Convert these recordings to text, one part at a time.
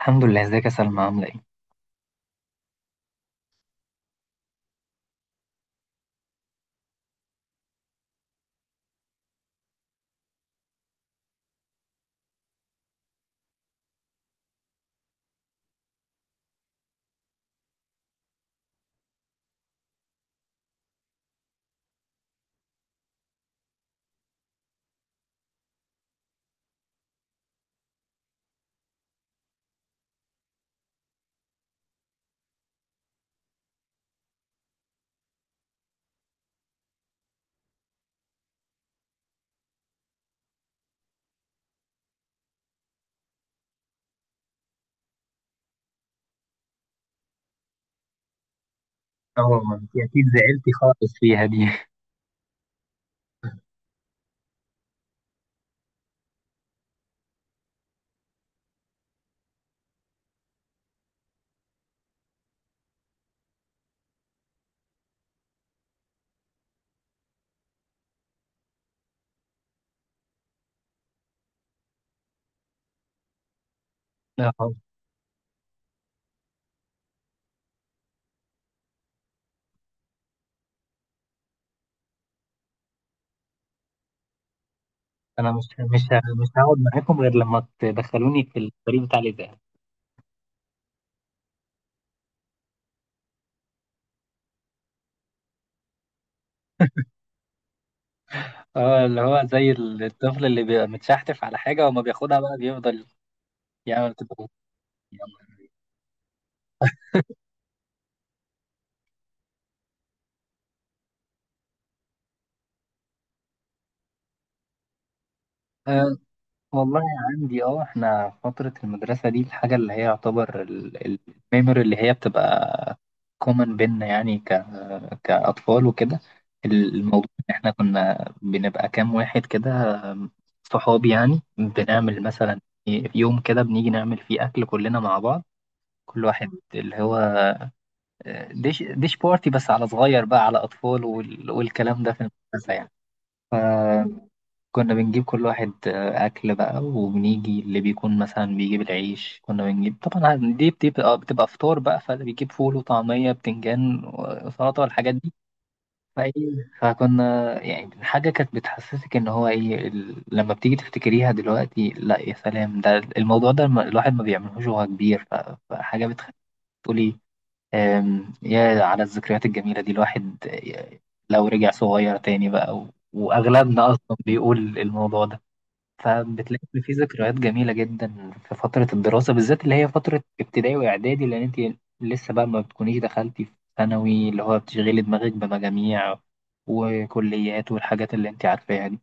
الحمد لله، ازيك يا سلمى عاملة ايه؟ اه، ما انت اكيد زعلتي خالص فيها دي. اه، انا مش هقعد معاكم غير لما تدخلوني في الفريق بتاع الاذاعه. اه، اللي هو زي الطفل اللي بيبقى متشحتف على حاجه وما بياخدها بقى بيفضل يعمل كده. آه، والله عندي. اه، احنا فترة المدرسة دي الحاجة اللي هي يعتبر الميموري اللي هي بتبقى كومن بينا يعني كأطفال وكده. الموضوع ان احنا كنا بنبقى كام واحد كده صحاب، يعني بنعمل مثلا يوم كده بنيجي نعمل فيه أكل كلنا مع بعض، كل واحد اللي هو ديش بارتي، بس على صغير بقى، على أطفال، والكلام ده في المدرسة يعني. كنا بنجيب كل واحد أكل بقى، وبنيجي اللي بيكون مثلا بيجيب العيش، كنا بنجيب طبعا، دي بتبقى فطار بقى، فاللي بيجيب فول وطعمية بتنجان وسلطة والحاجات دي. فإيه فكنا يعني حاجة كانت بتحسسك إن هو إيه لما بتيجي تفتكريها دلوقتي، لا يا سلام ده الموضوع ده الواحد ما بيعملهوش وهو كبير، فحاجة بتخليك تقولي يا على الذكريات الجميلة دي، الواحد لو رجع صغير تاني بقى، وأغلبنا أصلا بيقول الموضوع ده. فبتلاقي إن في ذكريات جميلة جدا في فترة الدراسة، بالذات اللي هي فترة ابتدائي وإعدادي، لأن أنت لسه بقى ما بتكونيش دخلتي في ثانوي اللي هو بتشغلي دماغك بمجاميع وكليات والحاجات اللي أنت عارفاها دي.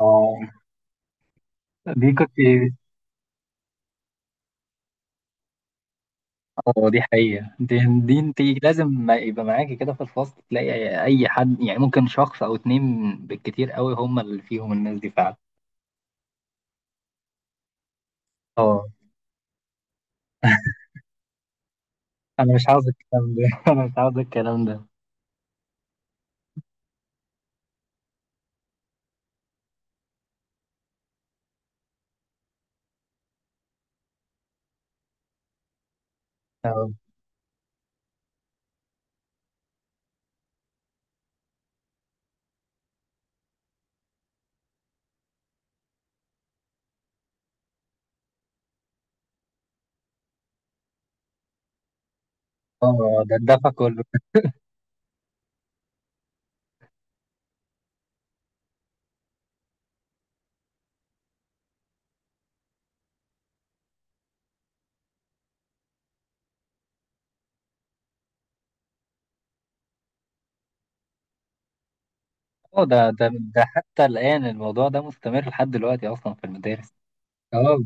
اه. دي كنت اه دي حقيقة، دي أنت لازم ما يبقى معاكي كده في الفصل، تلاقي أي حد يعني ممكن شخص أو اتنين بالكتير قوي هم اللي فيهم الناس دي فعلا. اه. أنا مش عاوز الكلام ده، أنا مش عاوز الكلام ده. اه، ده الدفع كله. اه، ده حتى الآن الموضوع ده مستمر لحد دلوقتي أصلا في المدارس. اه،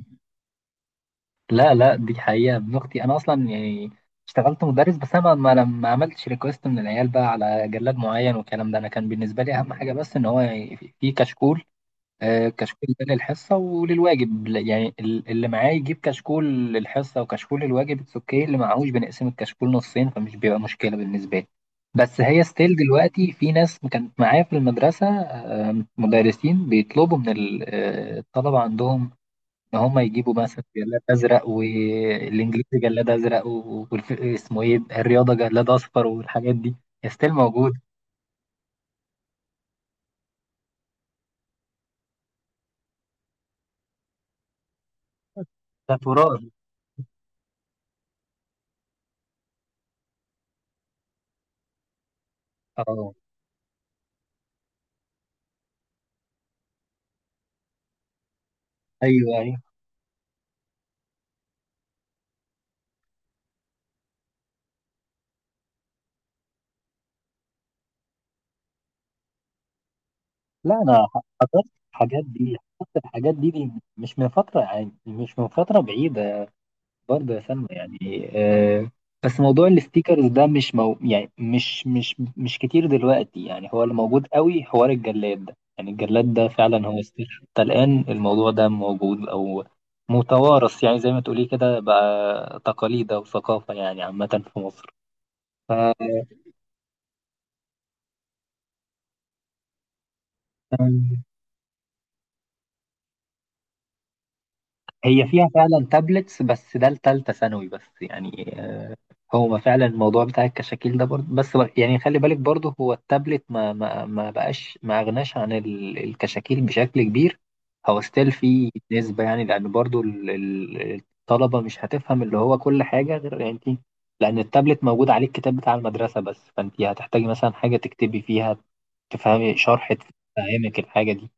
لا لا دي حقيقة. ابن أختي أنا أصلا يعني اشتغلت مدرس، بس أنا ما عملتش ريكوست من العيال بقى على جلاد معين والكلام ده، أنا كان بالنسبة لي أهم حاجة بس إن هو يعني في كشكول. كشكول ده للحصة وللواجب، يعني اللي معاه يجيب كشكول للحصة وكشكول للواجب اتس اوكي، اللي معهوش بنقسم الكشكول نصين فمش بيبقى مشكلة بالنسبة لي. بس هي ستيل دلوقتي في ناس كانت معايا في المدرسة، مدرسين بيطلبوا من الطلبة عندهم إن هم يجيبوا مثلا جلاد أزرق، والإنجليزي جلاد أزرق، اسمه إيه، الرياضة جلاد أصفر، والحاجات دي ستيل موجود. ده تراث. اه، ايوه أيوة. لا انا حضرت الحاجات دي، حضرت الحاجات دي مش من فتره، يعني مش من فتره بعيده برضه يا سلمى، يعني بس موضوع الستيكرز ده مش يعني مش كتير دلوقتي، يعني هو اللي موجود قوي حوار الجلاد ده، يعني الجلاد ده فعلا هو ستيكر، حتى الان الموضوع ده موجود او متوارث، يعني زي ما تقولي كده بقى تقاليد او ثقافه يعني عامه في مصر. ف هي فيها فعلا تابلتس، بس ده لتالتة ثانوي بس يعني. هو فعلا الموضوع بتاع الكشاكيل ده برضه، بس يعني خلي بالك، برضه هو التابلت ما بقاش ما أغناش عن الكشاكيل بشكل كبير. هو ستيل في نسبة يعني، لأن برضه الطلبة مش هتفهم اللي هو كل حاجة غير يعني انت، لأن التابلت موجود عليه الكتاب بتاع المدرسة بس، فأنت هتحتاجي مثلا حاجة تكتبي فيها، تفهمي شرح، تفهمك الحاجة دي.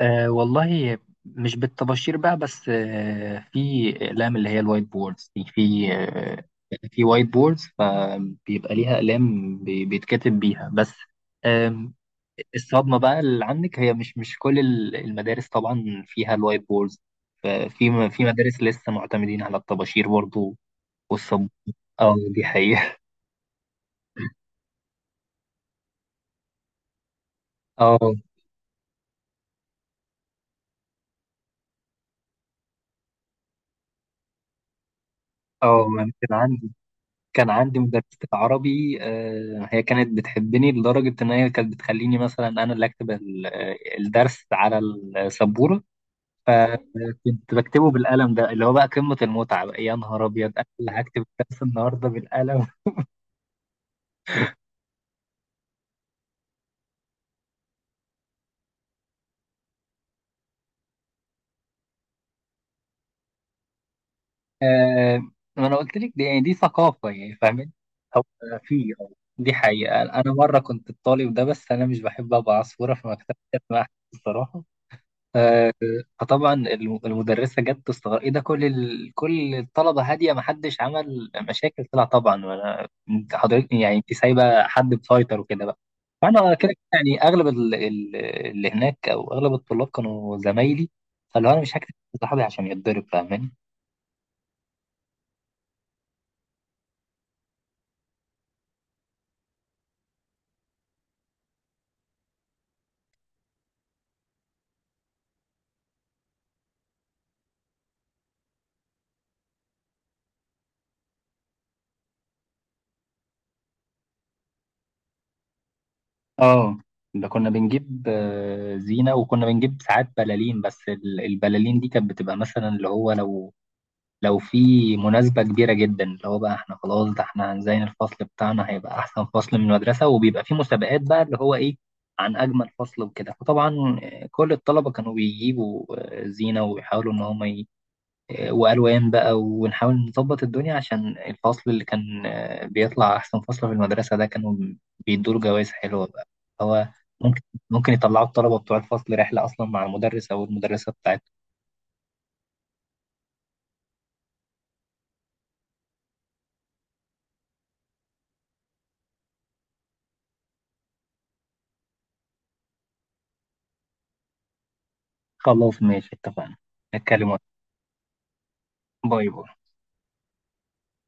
أه والله، مش بالطباشير بقى بس. أه، في أقلام اللي هي الوايت بوردز دي. في يعني في وايت بوردز، فبيبقى ليها أقلام بيتكتب بيها بس. آم، الصدمة بقى اللي عندك، هي مش كل المدارس طبعا فيها الوايت بوردز، ففي في مدارس لسه معتمدين على الطباشير برضو والصب اه، دي حقيقة. اه اه، ما أنا كان عندي مدرسة عربي، هي كانت بتحبني لدرجة إن هي كانت بتخليني مثلا أنا اللي أكتب الدرس على السبورة، فكنت بكتبه بالقلم ده اللي هو بقى قمة المتعة بقى، يا نهار أبيض أنا اللي هكتب الدرس النهاردة بالقلم. آه، ما أنا قلت لك دي، يعني دي ثقافة يعني فاهمين. أو في دي حقيقة، أنا مرة كنت الطالب ده، بس أنا مش بحب أبقى عصفورة في مكتبة مع حد، الصراحة. آه، فطبعا المدرسة جت تستغرب ايه ده، كل كل الطلبة هادية محدش عمل مشاكل، طلع طبعا وانا انت حضرتك يعني انت سايبة حد مسيطر وكده بقى. فانا كده يعني اغلب اللي هناك او اغلب الطلاب كانوا زمايلي، فاللي هو انا مش هكتب صاحبي عشان يتضرب، فاهماني. اه. ده كنا بنجيب زينة، وكنا بنجيب ساعات بلالين، بس البلالين دي كانت بتبقى مثلا اللي هو لو في مناسبة كبيرة جدا، اللي هو بقى احنا خلاص ده احنا هنزين الفصل بتاعنا، هيبقى أحسن فصل من المدرسة، وبيبقى في مسابقات بقى اللي هو إيه عن أجمل فصل وكده، فطبعا كل الطلبة كانوا بيجيبوا زينة ويحاولوا إن هم وألوان بقى، ونحاول نظبط الدنيا عشان الفصل اللي كان بيطلع أحسن فصل في المدرسة ده، كانوا بيدوا له جوائز حلوة بقى. هو ممكن ممكن يطلعوا الطلبة بتوع الفصل رحلة أصلا مع المدرس أو المدرسة بتاعتهم. خلاص ماشي اتفقنا، نتكلم وقت. باي باي.